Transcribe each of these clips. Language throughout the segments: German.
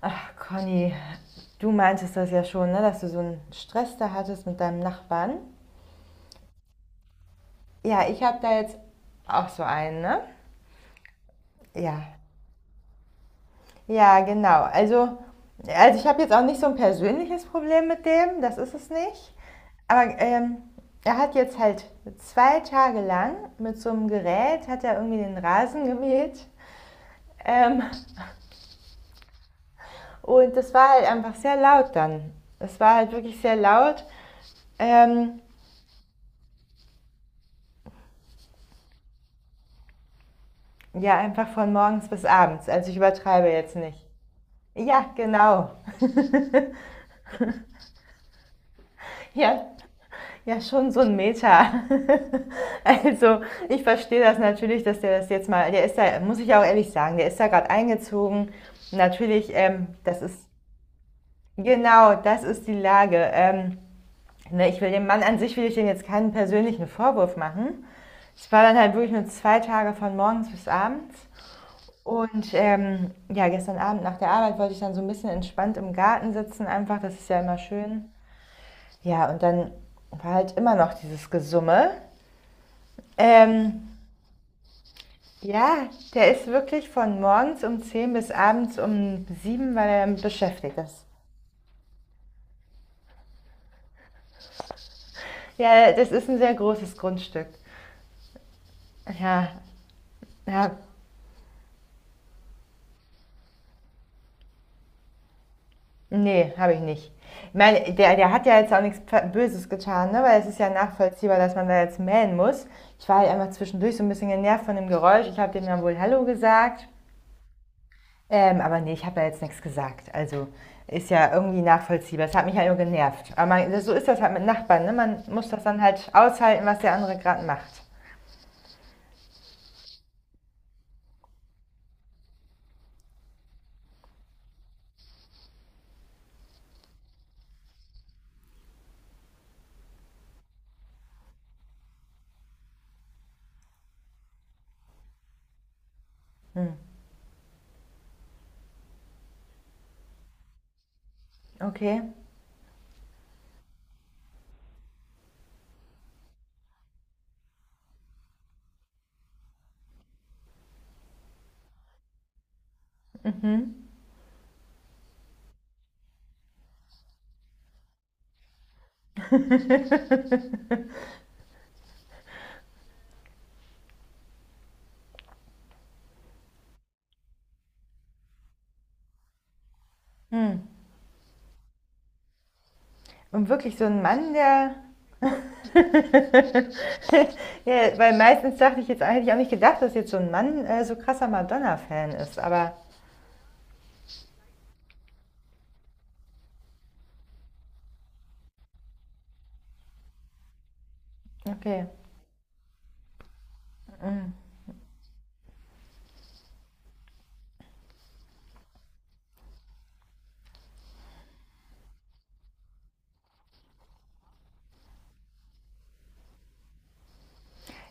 Ach, Conny, du meintest das ja schon, ne, dass du so einen Stress da hattest mit deinem Nachbarn. Ja, ich habe da jetzt auch so einen, ne? Ja. Ja, genau. Also ich habe jetzt auch nicht so ein persönliches Problem mit dem, das ist es nicht. Aber er hat jetzt halt 2 Tage lang mit so einem Gerät, hat er irgendwie den Rasen gemäht. Ähm, und das war halt einfach sehr laut dann. Es war halt wirklich sehr laut. Ähm, Ja, einfach von morgens bis abends. Also ich übertreibe jetzt nicht. Ja, genau. Ja, ja, schon so ein Meter. Also ich verstehe das natürlich, dass der das jetzt mal, der ist da, muss ich auch ehrlich sagen, der ist da gerade eingezogen. Natürlich, das ist, genau, das ist die Lage. Ne, ich will dem Mann an sich, will ich dem jetzt keinen persönlichen Vorwurf machen. Ich war dann halt wirklich nur 2 Tage von morgens bis abends. Und ja, gestern Abend nach der Arbeit wollte ich dann so ein bisschen entspannt im Garten sitzen, einfach, das ist ja immer schön. Ja, und dann war halt immer noch dieses Gesumme. Ähm, ja, der ist wirklich von morgens um 10 bis abends um 7, weil er beschäftigt ist. Ja, das ist ein sehr großes Grundstück. Ja, ja. Ne, habe ich nicht. Ich meine, der hat ja jetzt auch nichts Böses getan, ne? Weil es ist ja nachvollziehbar, dass man da jetzt mähen muss. Ich war halt einfach zwischendurch so ein bisschen genervt von dem Geräusch. Ich habe dem dann wohl Hallo gesagt. Aber nee, ich habe da jetzt nichts gesagt. Also ist ja irgendwie nachvollziehbar. Es hat mich halt nur genervt. Aber man, so ist das halt mit Nachbarn. Ne? Man muss das dann halt aushalten, was der andere gerade macht. Okay. Hm. Und wirklich so ein Mann, der ja, weil meistens dachte ich jetzt, hätte ich auch nicht gedacht, dass jetzt so ein Mann so krasser Madonna-Fan ist, aber okay.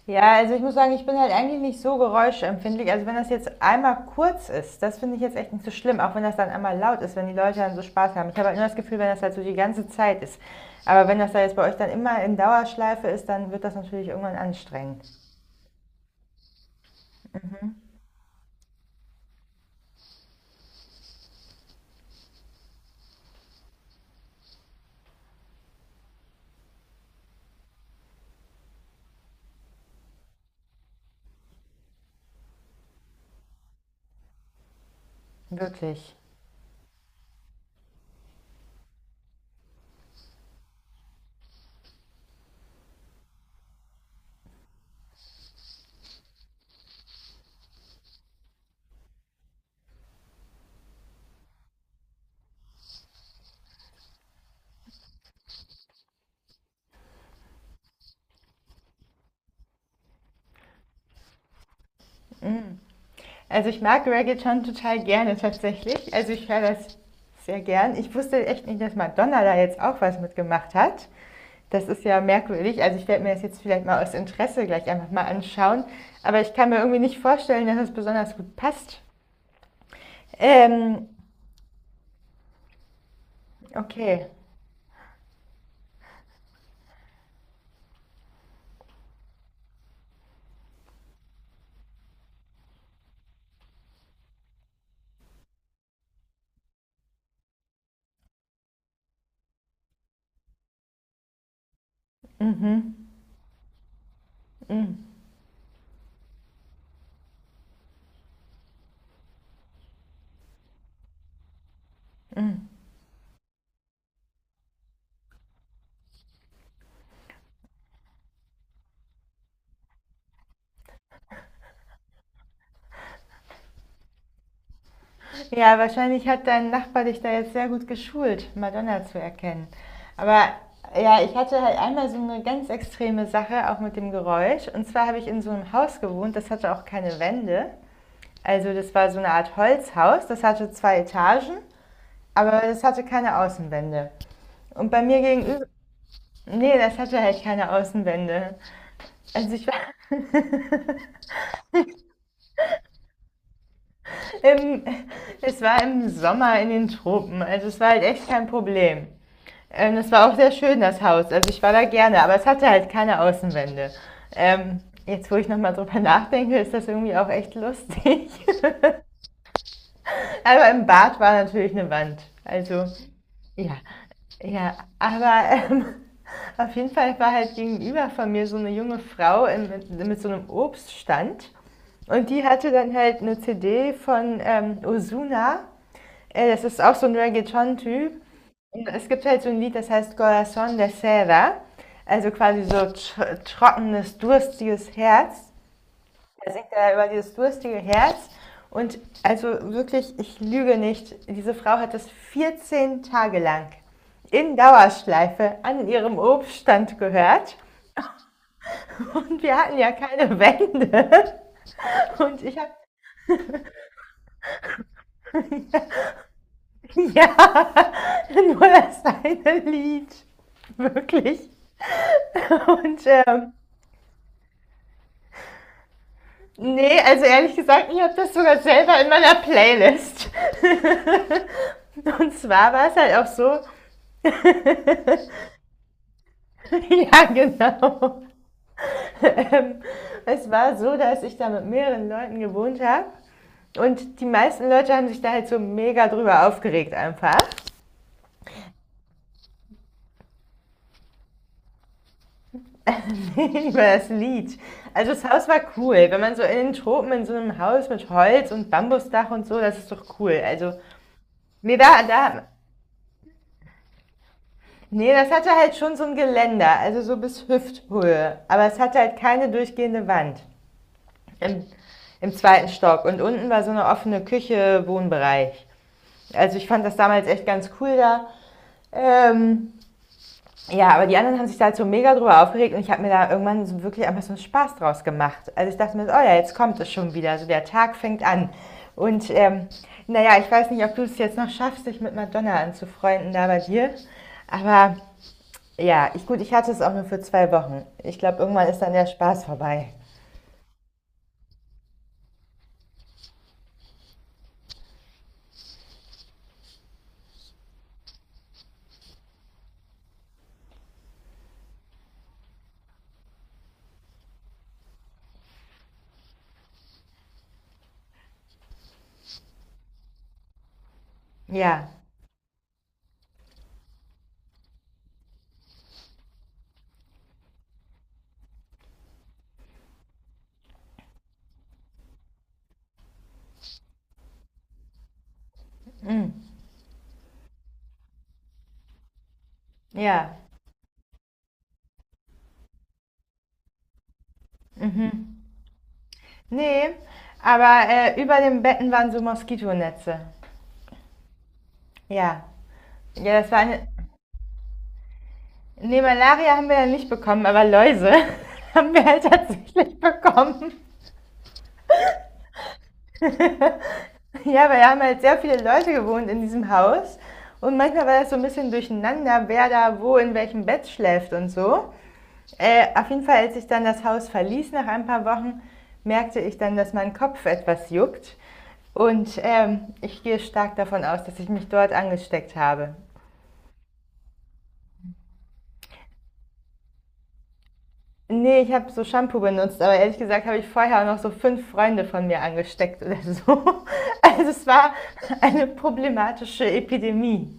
Ja, also ich muss sagen, ich bin halt eigentlich nicht so geräuschempfindlich. Also wenn das jetzt einmal kurz ist, das finde ich jetzt echt nicht so schlimm, auch wenn das dann einmal laut ist, wenn die Leute dann so Spaß haben. Ich habe halt nur das Gefühl, wenn das halt so die ganze Zeit ist. Aber wenn das da jetzt bei euch dann immer in Dauerschleife ist, dann wird das natürlich irgendwann anstrengend. Wirklich. Also ich mag Reggae schon total gerne tatsächlich. Also ich höre das sehr gern. Ich wusste echt nicht, dass Madonna da jetzt auch was mitgemacht hat. Das ist ja merkwürdig. Also ich werde mir das jetzt vielleicht mal aus Interesse gleich einfach mal anschauen. Aber ich kann mir irgendwie nicht vorstellen, dass es besonders gut passt. Ähm, okay. Mhm. Mhm. Ja, wahrscheinlich hat dein Nachbar dich da jetzt sehr gut geschult, Madonna zu erkennen. Aber ja, ich hatte halt einmal so eine ganz extreme Sache, auch mit dem Geräusch. Und zwar habe ich in so einem Haus gewohnt, das hatte auch keine Wände. Also das war so eine Art Holzhaus, das hatte 2 Etagen, aber das hatte keine Außenwände. Und bei mir gegenüber, nee, das hatte halt keine Außenwände. Also ich war im, es war im Sommer in den Tropen, also es war halt echt kein Problem. Das war auch sehr schön, das Haus. Also ich war da gerne, aber es hatte halt keine Außenwände. Ähm, Jetzt, wo ich nochmal drüber nachdenke, ist das irgendwie auch echt lustig. Aber im Bad war natürlich eine Wand. Also, ja. Ja, aber auf jeden Fall war halt gegenüber von mir so eine junge Frau mit so einem Obststand. Und die hatte dann halt eine CD von Ozuna das ist auch so ein Reggaeton-Typ. Und es gibt halt so ein Lied, das heißt „Corazón de Seda“, also quasi so tr trockenes, durstiges Herz. Er singt da über dieses durstige Herz und also wirklich, ich lüge nicht, diese Frau hat das 14 Tage lang in Dauerschleife an ihrem Obststand gehört und wir hatten ja keine Wände und ich habe ja, nur das eine Lied, wirklich. Und nee, also ehrlich gesagt, ich habe das sogar selber in meiner Playlist. Und zwar war es halt auch so, ja genau, ähm, es war so, dass ich da mit mehreren Leuten gewohnt habe. Und die meisten Leute haben sich da halt so mega drüber aufgeregt einfach, über das Lied. Also das Haus war cool. Wenn man so in den Tropen in so einem Haus mit Holz und Bambusdach und so, das ist doch cool. Also mir war da Nee, das hatte halt schon so ein Geländer, also so bis Hüfthöhe. Aber es hatte halt keine durchgehende Wand im, im zweiten Stock. Und unten war so eine offene Küche, Wohnbereich. Also ich fand das damals echt ganz cool da. Ähm, ja, aber die anderen haben sich da halt so mega drüber aufgeregt und ich habe mir da irgendwann so wirklich einfach so einen Spaß draus gemacht. Also ich dachte mir, so, oh ja, jetzt kommt es schon wieder, so der Tag fängt an. Und naja, ich weiß nicht, ob du es jetzt noch schaffst, dich mit Madonna anzufreunden da bei dir, aber ja, ich, gut, ich hatte es auch nur für 2 Wochen. Ich glaube, irgendwann ist dann der Spaß vorbei. Ja, ja. Nee, aber über den Betten waren so Moskitonetze. Ja. Ja, das war eine. Nee, Malaria haben wir ja nicht bekommen, aber Läuse haben wir halt tatsächlich bekommen. Ja, weil da haben halt sehr viele Leute gewohnt in diesem Haus. Und manchmal war das so ein bisschen durcheinander, wer da wo in welchem Bett schläft und so. Auf jeden Fall, als ich dann das Haus verließ nach ein paar Wochen, merkte ich dann, dass mein Kopf etwas juckt. Und ich gehe stark davon aus, dass ich mich dort angesteckt habe. Nee, ich habe so Shampoo benutzt, aber ehrlich gesagt habe ich vorher auch noch so 5 Freunde von mir angesteckt oder so. Also es war eine problematische Epidemie.